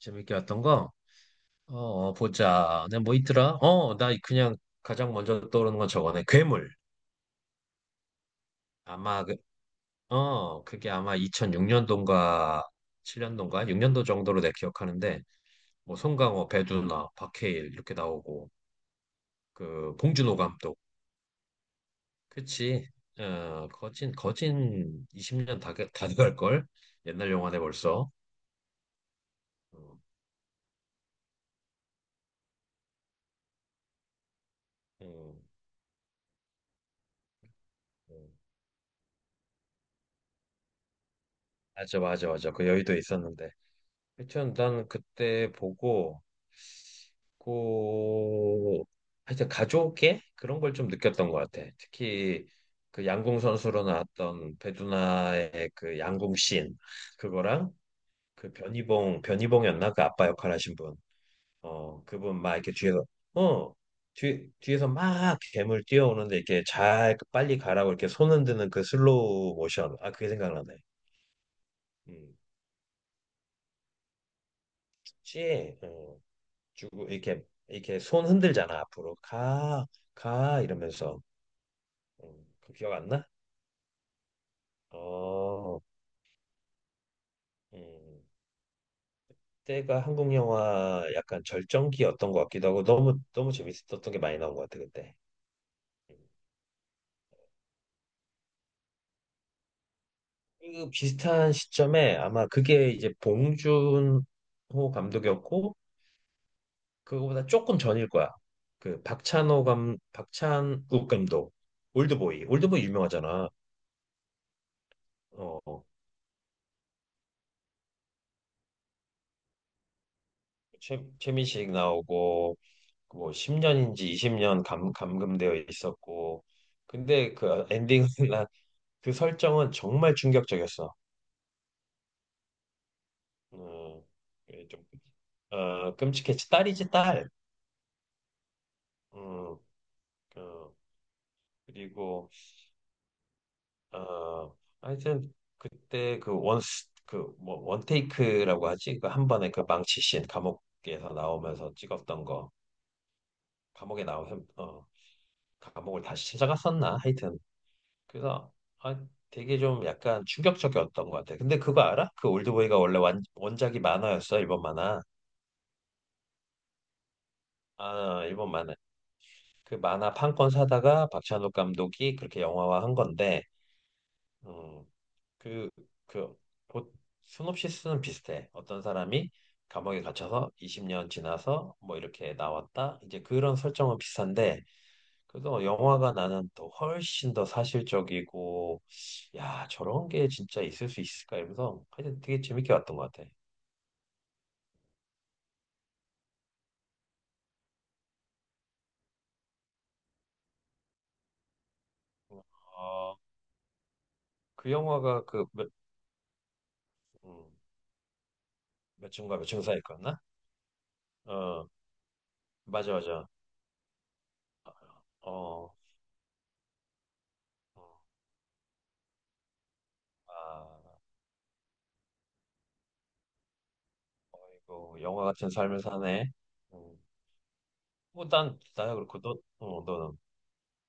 재밌게 왔던 거? 보자. 내가 뭐 있더라? 나 그냥 가장 먼저 떠오르는 건 저거네. 괴물. 아마, 그게 아마 2006년도인가 7년도인가 6년도 정도로 내가 기억하는데, 뭐, 송강호, 배두나, 박해일 이렇게 나오고, 봉준호 감독. 그치? 거진 20년 다 돼갈걸? 옛날 영화네 벌써. 어, 음, 음. 맞아, 맞아, 맞아. 그 여의도에 있었는데. 하여튼 난 그때 보고, 그 하여튼 가족의 그런 걸 좀 느꼈던 것 같아. 특히 그 양궁 선수로 나왔던 배두나의 그 양궁 씬 그거랑 그 변희봉이었나 그 아빠 역할 하신 분. 그분 막 이렇게 뒤에서 어 뒤에서 막 괴물 뛰어오는데 이렇게 잘 빨리 가라고 이렇게 손 흔드는 그 슬로우 모션. 아, 그게 생각나네. 음. 혹시 주고 이렇게 이렇게 손 흔들잖아, 앞으로 가 가 이러면서. 그 기억 안 나? 어, 음, 때가 한국 영화 약간 절정기였던 것 같기도 하고 너무 너무 재밌었던 게 많이 나온 것 같아 그때. 음. 그 비슷한 시점에 아마 그게 이제 봉준호 감독이었고 그거보다 조금 전일 거야. 그 박찬호 감 박찬욱 감독. 올드보이 유명하잖아. 어 최민식 나오고 뭐 10년인지 20년 감 감금되어 있었고 근데 그 엔딩은 그 설정은 정말 충격적이었어. 음, 그게 좀, 끔찍했지. 딸이지, 딸. 음, 어, 그리고, 하여튼, 그때 원테이크라고 하지? 그 한 번에 그 망치씬, 감옥에서 나오면서 찍었던 거. 감옥에 나오면, 감옥을 다시 찾아갔었나? 하여튼. 그래서, 아, 되게 좀 약간 충격적이었던 것 같아. 근데 그거 알아? 그 올드보이가 원래 원작이 만화였어, 일본 만화. 아, 일본 만화. 그 만화 판권 사다가 박찬욱 감독이 그렇게 영화화한 건데 음, 그, 그 보- 시놉시스는 비슷해. 어떤 사람이 감옥에 갇혀서 20년 지나서 뭐 이렇게 나왔다. 이제 그런 설정은 비슷한데 그래서 영화가 나는 또 훨씬 더 사실적이고, 야 저런 게 진짜 있을 수 있을까 이러면서 하여튼 되게 재밌게 봤던 것 같아. 어, 그 영화가 음, 몇 층과 몇 층 사이였나? 어 맞아, 맞아. 어 아, 이거 영화 같은 삶을 사네. 음. 뭐, 나야 그렇고, 너는,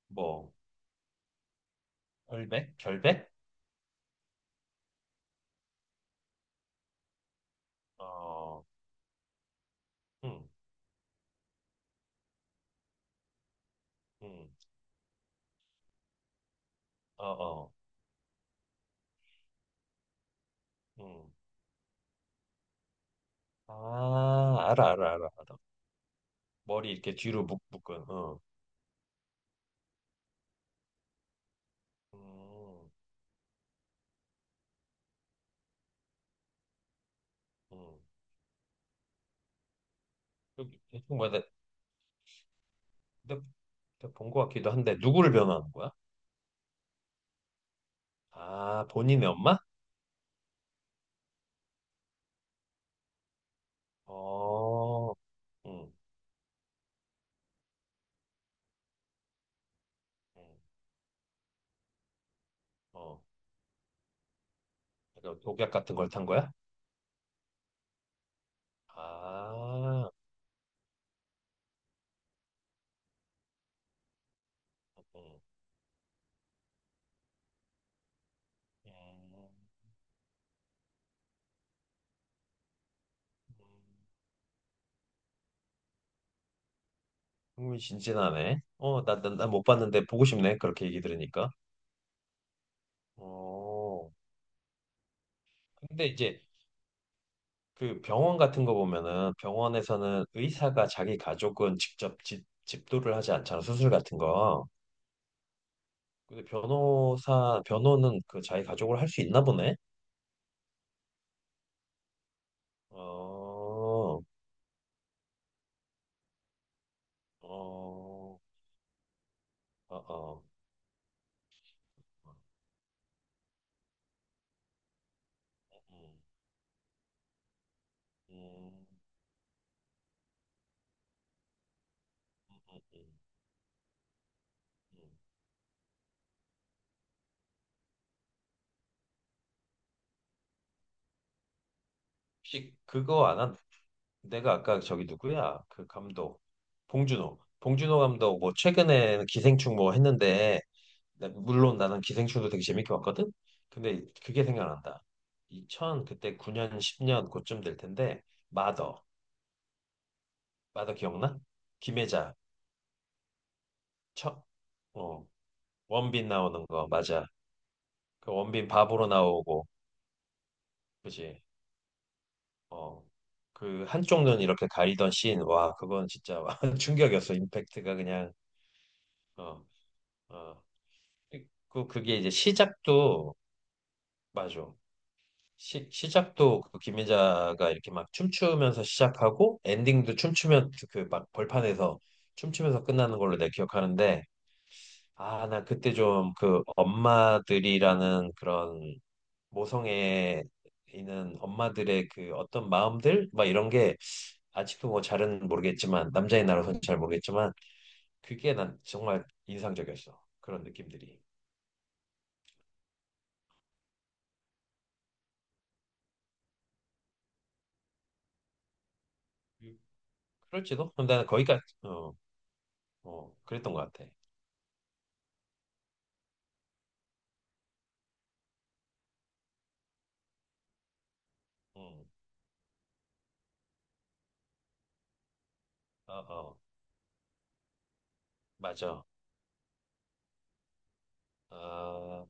뭐, 결백? 결백? 어, 응, 응, 어, 어, 응. 아, 알아, 알아, 알아, 알아. 머리 이렇게 뒤로 묶은, 어. 음, 음. 여기 대충 뭐야, 내, 가 본것 같기도 한데, 누구를 변호하는 거야? 아, 본인의 엄마? 어, 응, 응, 어. 약간 독약 같은 걸 탄 거야? 아, 응. 음, 흥미진진하네. 나못 봤는데 보고 싶네. 그렇게 얘기 들으니까. 어, 근데 이제 그 병원 같은 거 보면은 병원에서는 의사가 자기 가족은 직접 집도를 하지 않잖아. 수술 같은 거. 근데 변호는 그 자기 가족을 할 수 있나 보네. 어, 어, 어, 어. 음, 음, 음. 음. 혹시 그거 안 한, 내가 아까 저기 누구야? 그 감독 봉준호. 봉준호 감독 뭐 최근에 기생충 뭐 했는데 물론 나는 기생충도 되게 재밌게 봤거든. 근데 그게 생각난다. 2000 그때 9년 10년 그쯤 될 텐데 마더. 마더 기억나? 김혜자, 첫 어, 원빈 나오는 거 맞아. 그 원빈 바보로 나오고 그지? 어. 그 한쪽 눈 이렇게 가리던 씬, 와, 그건 진짜 충격이었어. 임팩트가 그냥. 어. 어. 그게 이제 시작도. 맞아. 시작도 그 김민자가 이렇게 막 춤추면서 시작하고 엔딩도 춤추면 그 막 벌판에서 춤추면서 끝나는 걸로 내가 기억하는데, 아, 나 그때 좀 그 엄마들이라는 그런 모성애에 있는 엄마들의 그 어떤 마음들 막 이런 게 아직도 뭐 잘은 모르겠지만 남자의 나로서는 잘 모르겠지만 그게 난 정말 인상적이었어. 그런 느낌들이. 음. 그럴지도? 그럼 나는 거기까지. 어. 어, 그랬던 것 같아. 음, 어, 어, 맞아. 아,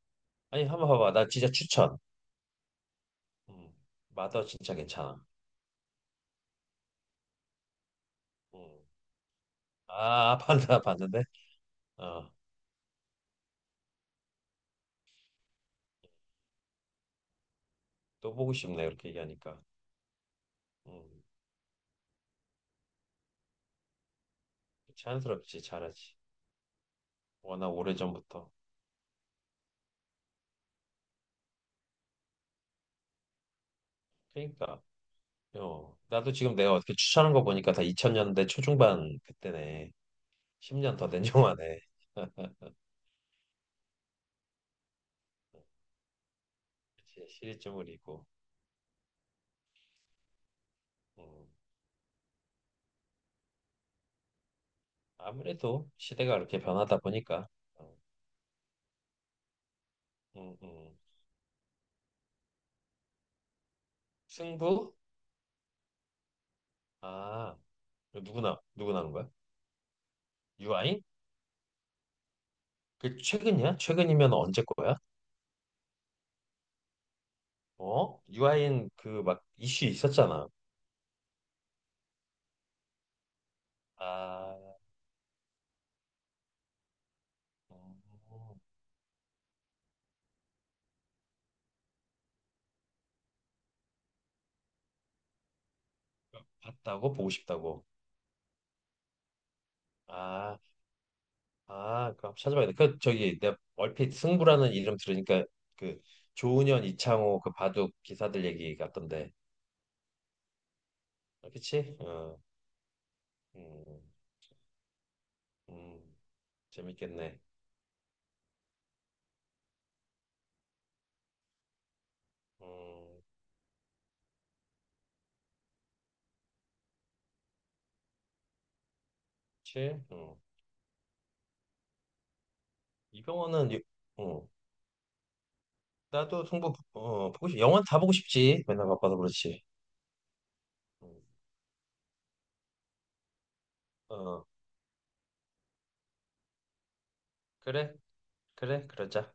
아니, 한 번 봐봐. 나 진짜 추천. 음, 마더 진짜 괜찮아. 음, 아, 봤는데? 어, 또 보고 싶네, 이렇게 얘기하니까. 음, 자연스럽지, 잘하지. 워낙 오래전부터. 그러니까, 나도 지금 내가 어떻게 추천한 거 보니까 다 2000년대 초중반 그때네. 10년 더 된 영화네. 그치, 시리즈물이고. 음, 아무래도 시대가 그렇게 변하다 보니까. 어, 음, 음. 승부? 아, 이거 누구나 하는 거야? 유아인? 그 최근이야? 최근이면 언제 거야? 어? 유아인 그 막 이슈 있었잖아. 아, 어, 봤다고? 보고 싶다고? 아, 아, 그럼 찾아봐야 돼. 저기, 내가 얼핏 승부라는 이름 들으니까 그 조은현, 이창호 그 바둑 기사들 얘기 같던데. 아, 그치? 어, 음, 음, 재밌겠네. 음, 그치? 어. 이병헌은. 어. 나도 승부 보고 싶 영원 다 보고 싶지, 맨날 바빠서 그렇지. 음, 어 그래, 그래, 그러자.